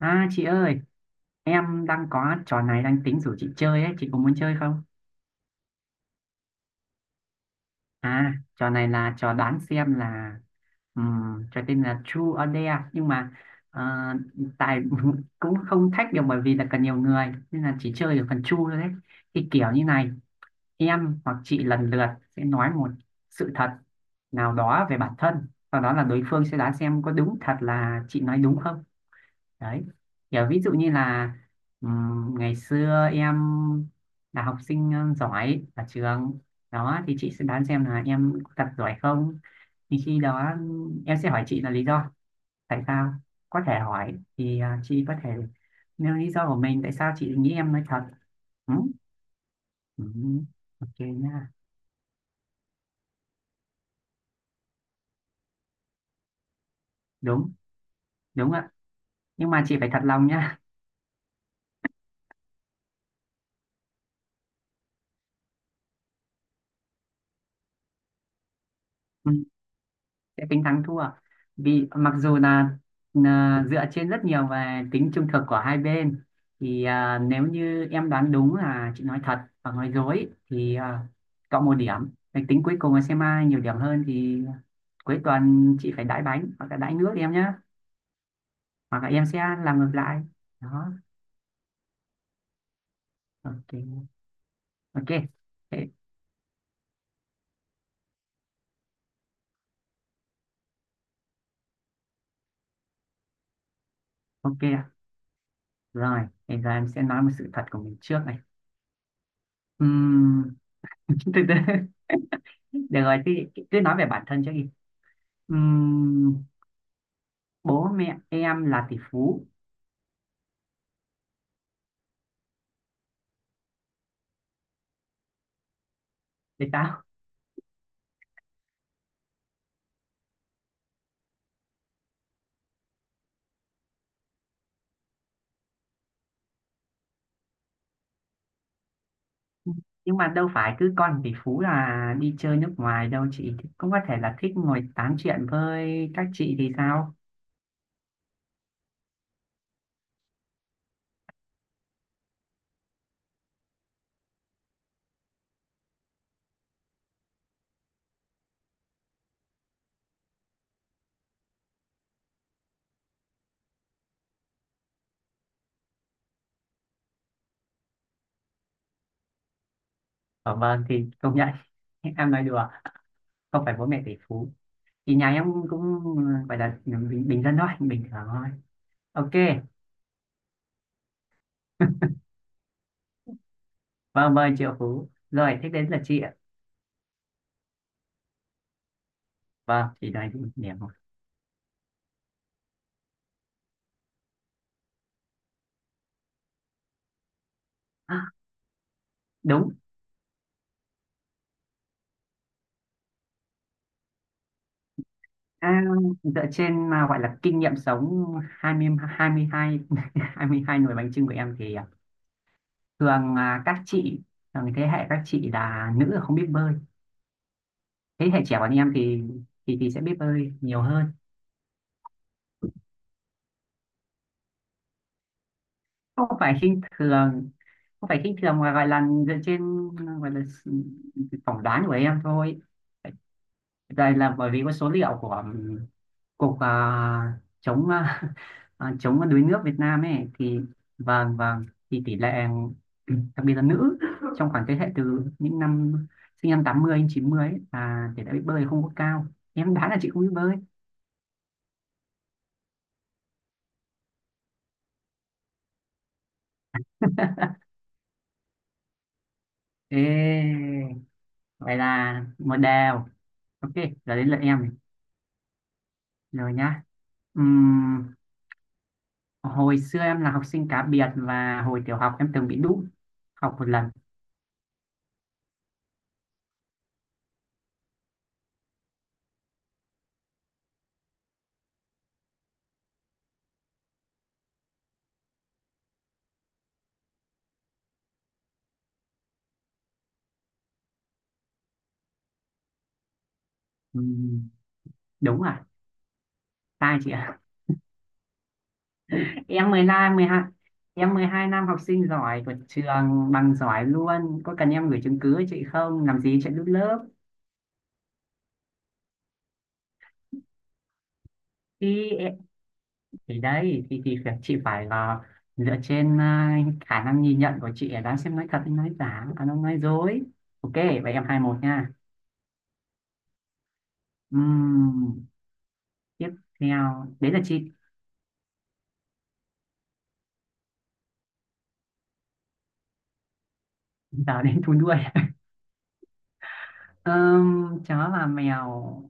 À chị ơi, em đang có trò này đang tính rủ chị chơi ấy, chị có muốn chơi không? À, trò này là trò đoán xem là trò tên là True or Dare nhưng mà ờ, tài cũng không thách được bởi vì là cần nhiều người nên là chỉ chơi được phần True thôi đấy. Thì kiểu như này, em hoặc chị lần lượt sẽ nói một sự thật nào đó về bản thân, sau đó là đối phương sẽ đoán xem có đúng thật là chị nói đúng không. Đấy, kiểu ví dụ như là ngày xưa em là học sinh giỏi ở trường đó thì chị sẽ đoán xem là em thật giỏi không, thì khi đó em sẽ hỏi chị là lý do tại sao có thể hỏi thì chị có thể nêu lý do của mình tại sao chị nghĩ em nói thật, ừ? Ừ. Ok nha. Đúng đúng ạ, nhưng mà chị phải thật lòng nha. Sẽ tính thắng thua, vì mặc dù là dựa trên rất nhiều về tính trung thực của hai bên thì à, nếu như em đoán đúng là chị nói thật và nói dối thì à, cộng một điểm. Để tính cuối cùng là xem ai nhiều điểm hơn thì cuối tuần chị phải đãi bánh hoặc là đãi nước em nhé, hoặc là em sẽ làm ngược lại đó. Ok. Ok. Thế- ok ạ. Rồi, bây giờ em sẽ nói một sự thật của mình trước này. Ừm, từ từ, được rồi thì cứ nói về bản thân trước đi. Ừm, bố mẹ em là tỷ phú. Thì sao, nhưng mà đâu phải cứ con tỷ phú là đi chơi nước ngoài đâu, chị cũng có thể là thích ngồi tám chuyện với các chị thì sao. Ở vâng, thì công nhận. Em nói đùa, không phải bố mẹ tỷ phú thì nhà em cũng gọi là bình dân thôi, bình thường thôi. Ok. Vâng vâng, triệu phú rồi, thế đến là chị ạ. Vâng, chị nói đi điểm một. À, đúng. À, dựa trên à, gọi là kinh nghiệm sống 20 22 22 nồi bánh chưng của em thì à, thường là các chị, thường thế hệ các chị là nữ là không biết bơi, thế hệ trẻ bọn em thì thì sẽ biết bơi nhiều hơn. Không phải khinh thường, không phải khinh thường mà gọi là dựa trên, gọi là phỏng đoán của em thôi đây, là bởi vì có số liệu của cục à, chống à, à, chống đuối nước Việt Nam ấy thì vâng vâng, thì tỷ lệ đặc biệt là nữ trong khoảng thế hệ từ những năm sinh năm 80 đến 90 ấy, là tỷ lệ biết bơi không có cao, em đoán là chị không biết bơi. Ê, vậy là một đều. Ok, giờ đến lượt em này. Rồi nhá. Ừm, hồi xưa em là học sinh cá biệt và hồi tiểu học em từng bị đú học một lần. Ừm, đúng à? Sai chị ạ, em 12 em 12 năm học sinh giỏi của trường, bằng giỏi luôn, có cần em gửi chứng cứ cho chị không, làm gì chuyện đút lớp. thì em, thì đấy thì chị phải là dựa trên à, khả năng nhìn nhận của chị để đoán xem nói thật hay nói giả à nó nói dối. Ok, vậy em hai một nha. Ừm, tiếp theo đấy là chị. Giờ đến thú nuôi. Chó và mèo,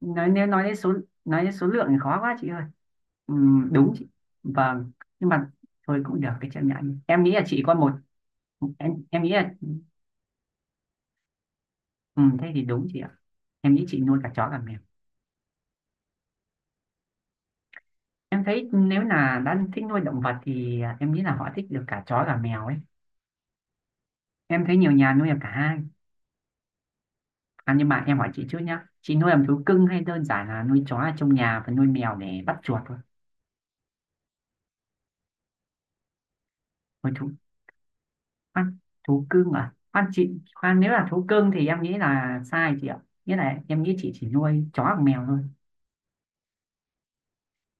nói nếu nói đến số lượng thì khó quá chị ơi. Đúng chị, vâng, nhưng mà thôi cũng được, cái chấp nhận em nghĩ là chị có một. Em nghĩ là thế thì đúng chị ạ, em nghĩ chị nuôi cả chó cả mèo. Em thấy nếu là đã thích nuôi động vật thì à, em nghĩ là họ thích được cả chó cả mèo ấy, em thấy nhiều nhà nuôi được cả hai. À, nhưng mà em hỏi chị trước nhá, chị nuôi làm thú cưng hay đơn giản là nuôi chó ở trong nhà và nuôi mèo để bắt chuột thôi. Nuôi thú ăn thú cưng à, khoan chị khoan, nếu là thú cưng thì em nghĩ là sai chị ạ, nghĩa là em nghĩ chị chỉ nuôi chó hoặc mèo thôi.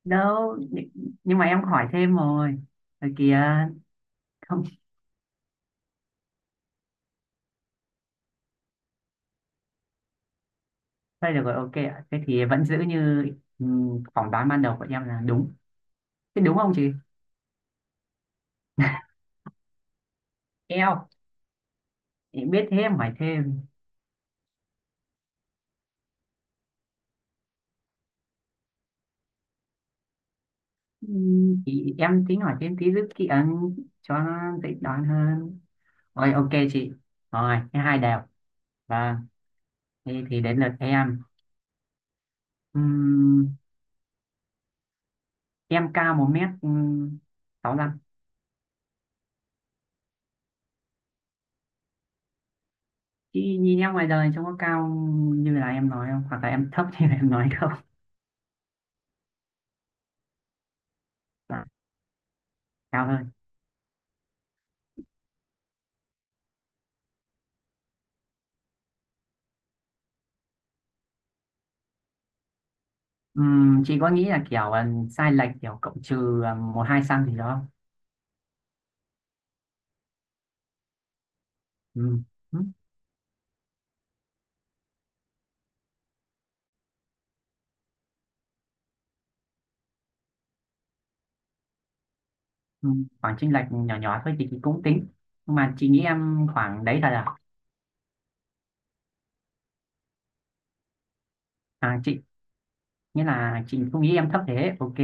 đâu nh- nhưng mà em hỏi thêm rồi, rồi kìa. Không, thôi được rồi, ok ạ, thế thì vẫn giữ như phỏng đoán ban đầu của em là đúng. Thế đúng không chị? Eo, chị biết thêm hỏi thêm. Thì em tính hỏi thêm tí giúp chị ấn cho nó dễ đoán hơn. Rồi ok chị. Rồi cái hai đều. Vâng, thì đến lượt em. Ừm, em cao một mét sáu lăm, chứ nhìn em ngoài đời trông có cao như là em nói không, hoặc là em thấp như là em nói không. Dạ, cao hơn. Chị có nghĩ là kiểu sai lệch kiểu cộng trừ một hai xăng gì đó không? Ừm, ừm, khoảng chênh lệch nhỏ nhỏ thôi thì chị cũng tính, nhưng mà chị nghĩ em khoảng đấy thật à, à chị nghĩa là chị không nghĩ em thấp thế. Ok.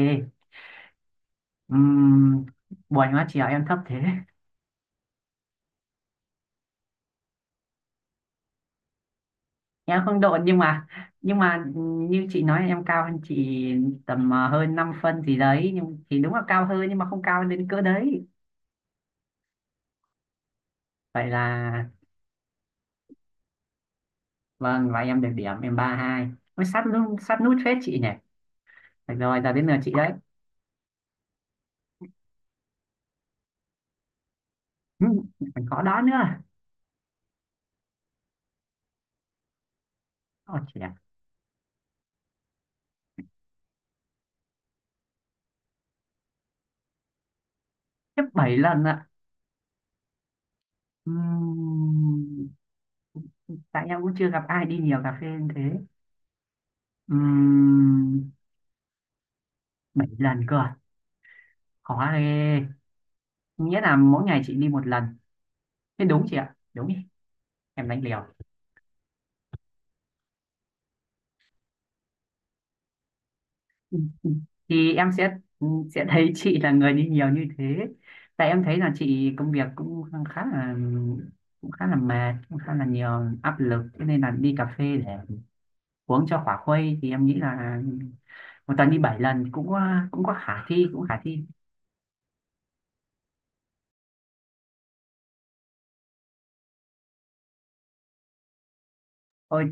Ừm, buồn quá chị ạ, em thấp thế. Em không độn nhưng mà, nhưng mà như chị nói em cao hơn chị tầm hơn 5 phân gì đấy, nhưng thì đúng là cao hơn nhưng mà không cao đến cỡ đấy. Vậy là vâng, và em được điểm, em ba hai, mới sát nút, sát nút phết chị nhỉ. Được rồi giờ đến lượt chị đấy. ừ, còn có đó nữa. Ôi chị ạ, tiếp 7 lần ạ. Ừm, tại em cũng chưa gặp ai đi nhiều cà phê như thế. Ừm, 7 lần cơ à? Khó ghê, nghĩa là mỗi ngày chị đi một lần. Thế đúng chị ạ, đúng đi, em đánh liều. Thì em sẽ sẽ thấy chị là người đi nhiều như thế, tại em thấy là chị công việc cũng khá là, cũng khá là mệt, cũng khá là nhiều áp lực, thế nên là đi cà phê để uống cho khỏa khuây, thì em nghĩ là một tuần đi 7 lần thì cũng có khả thi, cũng khả thi. Ôi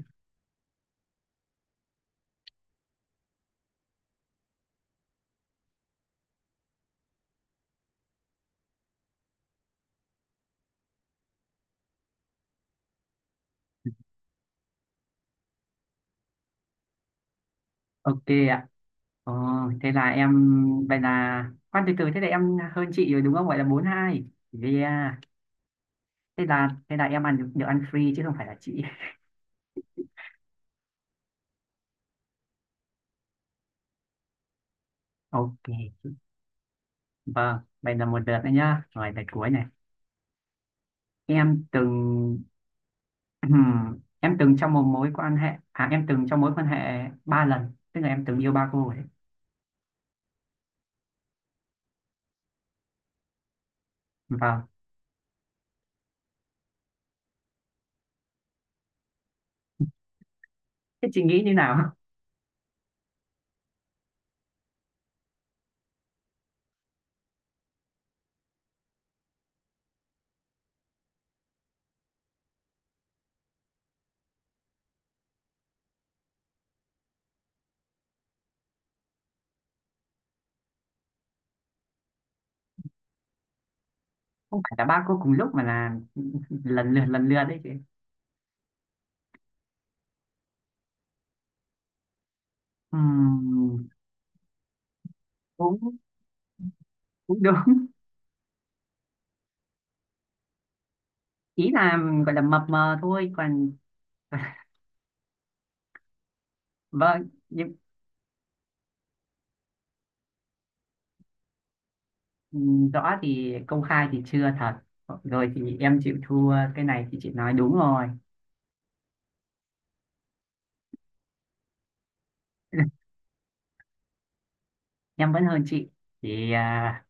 ok ạ. Ờ, thế là em, vậy là khoan từ từ, thế là em hơn chị rồi đúng không, gọi là bốn hai. Yeah, thế là em ăn được, được ăn free chứ không phải là chị. Ok. Vâng, vậy là một lượt nữa nhá. Rồi lượt cuối này. Em từng em từng trong một mối quan hệ à em từng trong mối quan hệ ba lần, tức là em từng yêu ba cô ấy. Vâng. Thế chị nghĩ như nào? Không phải là ba cô cùng lúc mà là lần lượt đấy chị. Ừm, cũng cũng đúng. Ý là gọi là mập mờ thôi, còn vâng, nhưng rõ thì công khai thì chưa thật. Rồi thì em chịu thua cái này, thì chị nói đúng rồi. Em vẫn hơn chị. Thì à,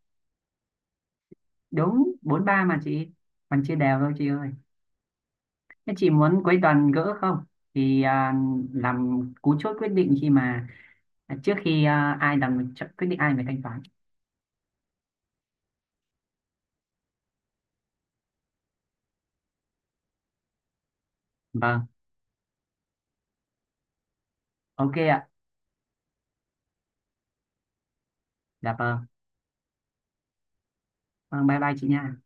đúng bốn ba mà chị, còn chia đều thôi chị ơi. Thế chị muốn cuối tuần gỡ không, thì à, làm cú chốt quyết định khi mà à, trước khi à, ai quyết định ai phải thanh toán. Vâng, ok ạ. Dạ vâng. Vâng, bye bye chị nha.